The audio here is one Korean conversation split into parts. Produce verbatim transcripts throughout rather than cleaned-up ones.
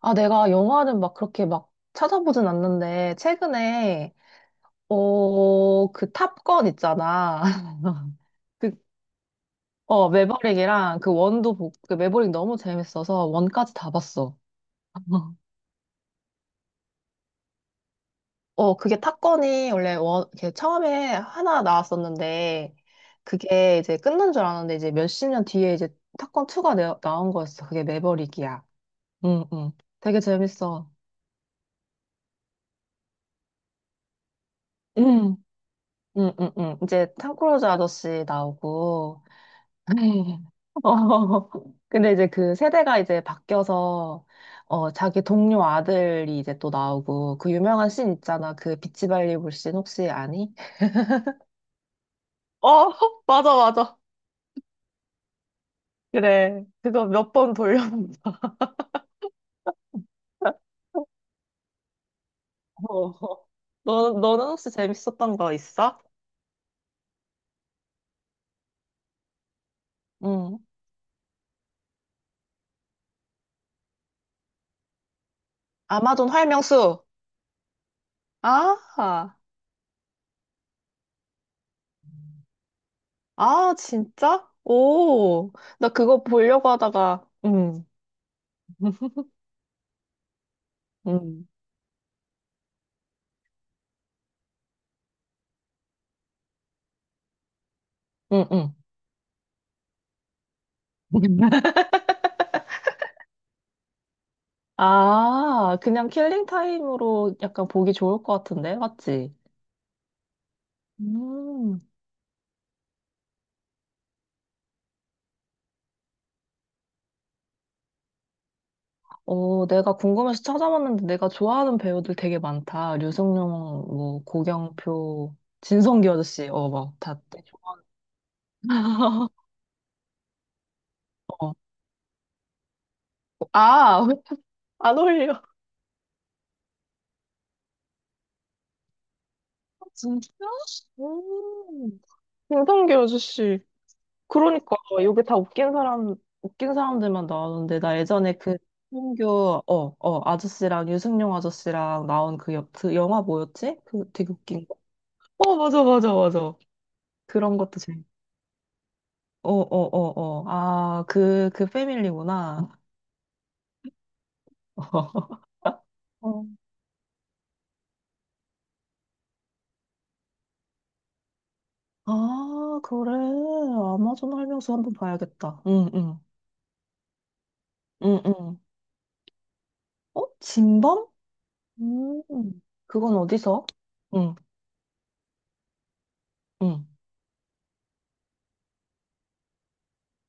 아, 내가 영화를 막 그렇게 막 찾아보진 않는데, 최근에, 어, 그 탑건 있잖아. 그, 어, 매버릭이랑 그 원도, 보- 그 매버릭 너무 재밌어서 원까지 다 봤어. 어, 그게 탑건이 원래 원, 이렇게 처음에 하나 나왔었는데, 그게 이제 끝난 줄 알았는데, 이제 몇십 년 뒤에 이제 탑건 투가 나, 나온 거였어. 그게 매버릭이야. 응, 응. 되게 재밌어. 응, 응, 응, 응. 이제 탐 크루즈 아저씨 나오고, 네. 어, 근데 이제 그 세대가 이제 바뀌어서, 어, 자기 동료 아들이 이제 또 나오고, 그 유명한 씬 있잖아. 그 비치 발리볼 씬 혹시 아니? 어, 맞아, 맞아. 그래. 그거 몇 번 돌려본다. 어. 너, 너는 혹시 재밌었던 거 있어? 응. 아마존 활명수. 아, 아, 진짜? 오, 나 그거 보려고 하다가, 응 응 응, 응. 아, 그냥 킬링 타임으로 약간 보기 좋을 것 같은데, 맞지? 음. 어, 내가 궁금해서 찾아봤는데 내가 좋아하는 배우들 되게 많다. 류승룡, 뭐 고경표, 진성기 아저씨, 어, 막다 좋아하는. 어. 아, 안 어울려. 진짜? 음. 진성기 아저씨. 그러니까 여기 다 웃긴 사람 웃긴 사람들만 나오는데 나 예전에 그 홍교 어 어 아저씨랑 유승용 아저씨랑 나온 그, 여, 그 영화 뭐였지? 그 되게 웃긴 거. 어 맞아 맞아 맞아. 그런 것도 재밌. 어어어 어. 어, 어. 아그 그 패밀리구나. 어. 아 그래 아마존 활명수 한번 봐야겠다. 응응 응응. 어 진범? 음 그건 어디서? 응응.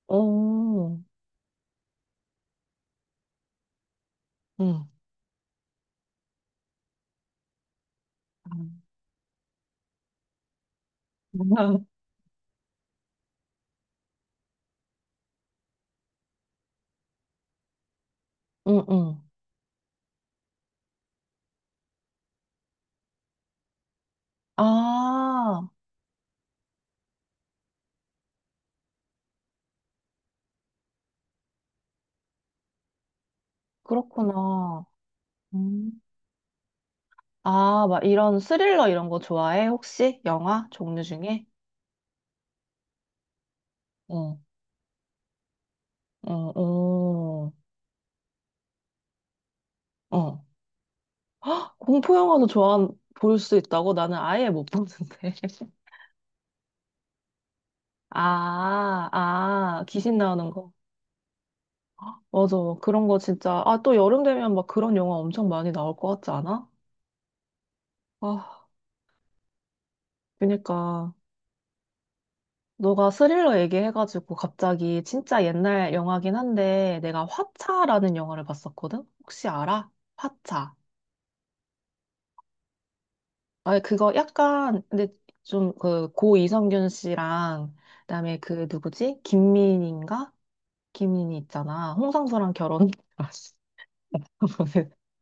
어 응. 응응. 아, 그렇구나. 음. 아, 막 이런 스릴러 이런 거 좋아해? 혹시? 영화 종류 중에? 어, 어, 어, 어. 공포 영화도 좋아, 볼 수 있다고? 나는 아예 못 보는데. 아, 아, 귀신 나오는 거. 맞아. 그런 거 진짜. 아, 또 여름 되면 막 그런 영화 엄청 많이 나올 것 같지 않아? 아, 그니까. 너가 스릴러 얘기해가지고 갑자기 진짜 옛날 영화긴 한데 내가 화차라는 영화를 봤었거든? 혹시 알아? 화차. 아, 그거 약간 근데 좀 그 고 이성균 씨랑 그다음에 그 누구지? 김민희인가? 김민희 있잖아. 홍상수랑 결혼 알았어.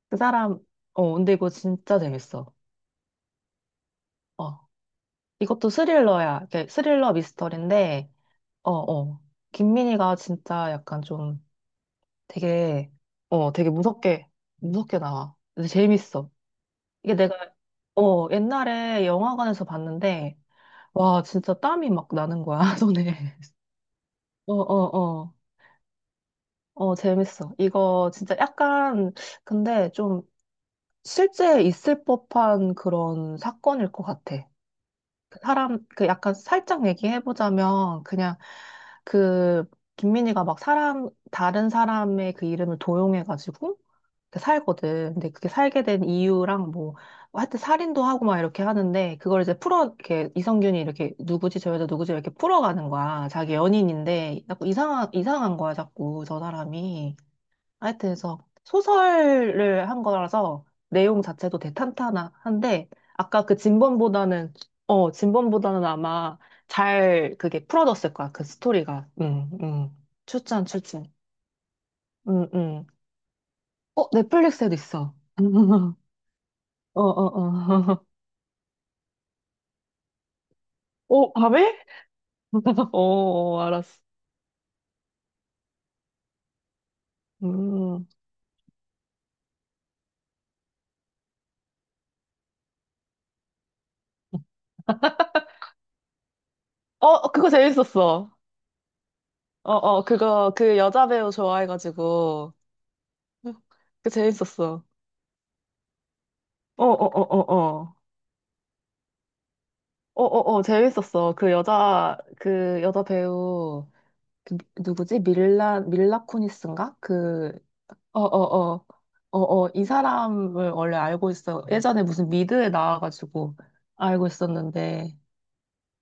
그 사람 어 근데 이거 진짜 재밌어. 어. 이것도 스릴러야. 이렇게 스릴러 미스터리인데 어 어. 김민희가 진짜 약간 좀 되게, 어, 되게 무섭게, 무섭게 나와. 근데 재밌어. 이게 내가, 어, 옛날에 영화관에서 봤는데, 와, 진짜 땀이 막 나는 거야, 손에. 어, 어, 어. 어, 재밌어. 이거 진짜 약간, 근데 좀 실제 있을 법한 그런 사건일 것 같아. 그 사람, 그 약간 살짝 얘기해보자면, 그냥 그, 김민희가 막 사람, 다른 사람의 그 이름을 도용해가지고, 그 살거든. 근데 그게 살게 된 이유랑 뭐, 뭐 하여튼 살인도 하고 막 이렇게 하는데, 그걸 이제 풀어, 이렇게, 이성균이 이렇게, 누구지, 저 여자 누구지, 이렇게 풀어가는 거야. 자기 연인인데, 자꾸 이상한, 이상한 거야, 자꾸, 저 사람이. 하여튼, 해서 소설을 한 거라서, 내용 자체도 대탄탄한데, 아까 그 진범보다는, 어, 진범보다는 아마 잘 그게 풀어졌을 거야, 그 스토리가. 응, 응. 추천, 추천. 응, 응. 어, 넷플릭스에도 있어. 어, 어, 어. 어, 밤에? 어, 어, 알았어. 음. 어, 그거 재밌었어. 어, 어, 그거, 그 여자 배우 좋아해가지고. 그 재밌었어. 어, 어, 어, 어, 어. 어, 어, 어, 재밌었어. 그 여자, 그 여자 배우, 그 미- 누구지? 밀라, 밀라 쿠니스인가? 그, 어, 어, 어. 어, 어, 이 사람을 원래 알고 있어. 예전에 무슨 미드에 나와가지고 알고 있었는데.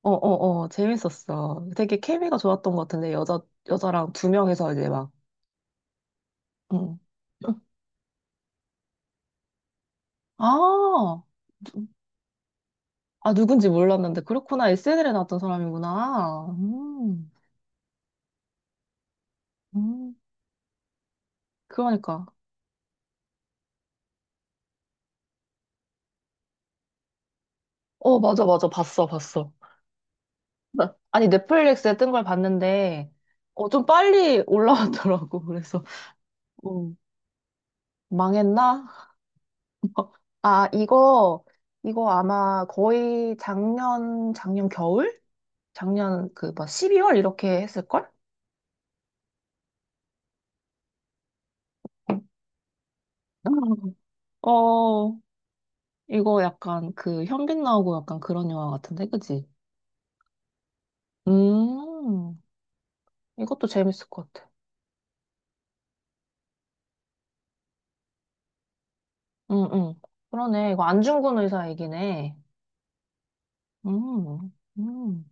어, 어, 어, 재밌었어. 되게 케미가 좋았던 것 같은데, 여자, 여자랑 두 명이서 이제 막, 응. 응. 아, 누- 아, 누군지 몰랐는데, 그렇구나. 에스엔엘에 나왔던 사람이구나. 음, 음, 그러니까. 어, 맞아, 맞아. 봤어, 봤어. 나- 아니, 넷플릭스에 뜬 걸 봤는데, 어, 좀 빨리 올라왔더라고. 그래서, 음, 망했나? 아, 이거, 이거 아마 거의 작년, 작년 겨울? 작년 그, 막 십이월 이렇게 했을걸? 어, 이거 약간 그 현빈 나오고 약간 그런 영화 같은데, 그지? 음, 이것도 재밌을 것 같아. 응, 응. 그러네. 이거 안중근 의사 얘기네. 음, 음.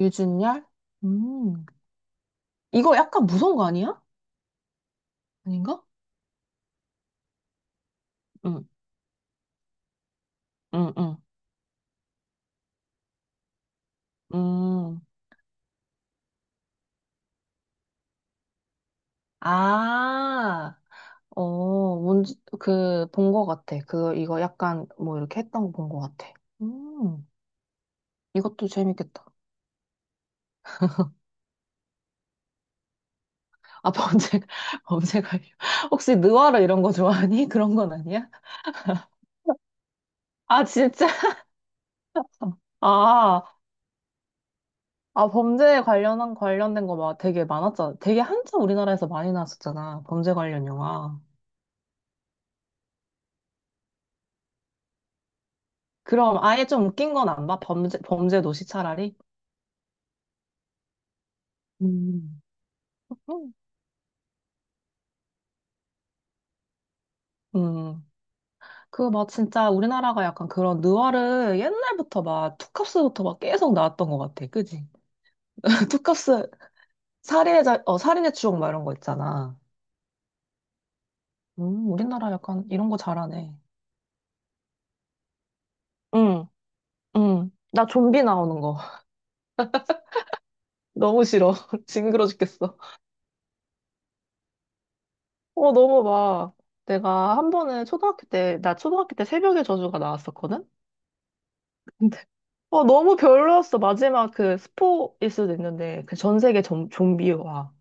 유준열? 음. 이거 약간 무서운 거 아니야? 아닌가? 응, 응, 응. 음. 아, 어, 뭔지, 그, 본 거 같아. 그, 이거 약간 뭐 이렇게 했던 거 본 거 같아. 음, 이것도 재밌겠다. 아, 범죄가, 범죄가. 혹시 느와르 이런 거 좋아하니? 그런 건 아니야? 아, 진짜? 아, 아, 범죄에 관련한, 관련된 거 막 되게 많았잖아. 되게 한참 우리나라에서 많이 나왔었잖아. 범죄 관련 영화. 그럼 아예 좀 웃긴 건 안 봐? 범죄, 범죄 도시 차라리? 음. 음. 그 막 진짜 우리나라가 약간 그런 느와르 옛날부터 막 투캅스부터 막 계속 나왔던 것 같아. 그지? 투캅스 살인의 자, 어, 살인의 추억 막 이런 거 있잖아. 음, 우리나라 약간 이런 거 잘하네. 응, 응. 나 좀비 나오는 거. 너무 싫어. 징그러 죽겠어. 어, 너무 막. 내가 한 번은 초등학교 때, 나 초등학교 때 새벽의 저주가 나왔었거든? 근데, 어, 너무 별로였어. 마지막 그 스포일 수도 있는데, 그 전 세계 좀, 좀비와.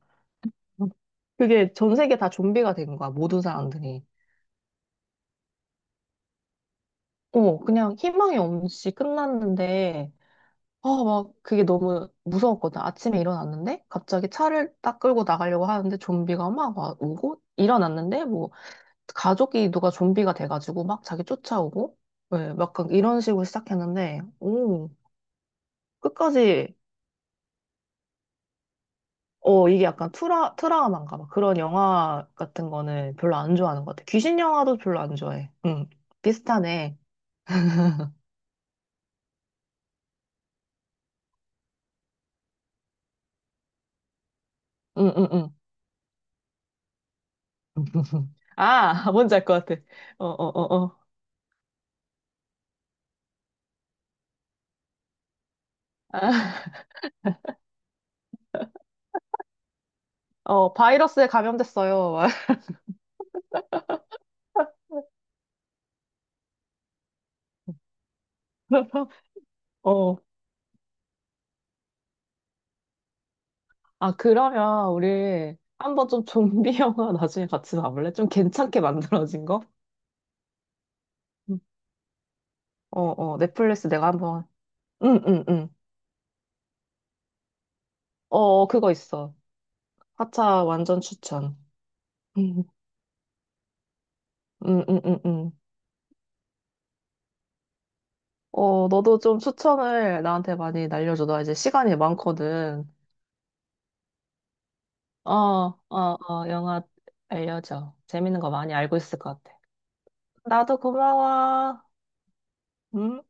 그게 전 세계 다 좀비가 된 거야, 모든 사람들이. 어, 그냥 희망이 없이 끝났는데, 아, 막 그게 너무 무서웠거든. 아침에 일어났는데 갑자기 차를 딱 끌고 나가려고 하는데 좀비가 막 와- 오고 일어났는데 뭐 가족이 누가 좀비가 돼가지고 막 자기 쫓아오고 왜 약간 이런 식으로 시작했는데 오 끝까지 어 이게 약간 트라 트라우마인가 봐. 그런 영화 같은 거는 별로 안 좋아하는 것 같아. 귀신 영화도 별로 안 좋아해. 응 비슷하네. 응응응. 아 뭔지 알 것 같아. 어 어, 어, 어. 아, 어, 바이러스에 감염됐어요. 어, 아, 그러면 우리 한번 좀 좀비 영화 나중에 같이 봐볼래? 좀 괜찮게 만들어진 거? 응. 어, 어, 넷플릭스 내가 한번, 응, 응, 응. 어, 어, 그거 있어. 하차 완전 추천. 응, 응, 응, 응, 응. 어, 너도 좀 추천을 나한테 많이 날려줘. 나 이제 시간이 많거든. 어, 어, 어, 영화 알려줘. 재밌는 거 많이 알고 있을 것 같아. 나도 고마워. 음.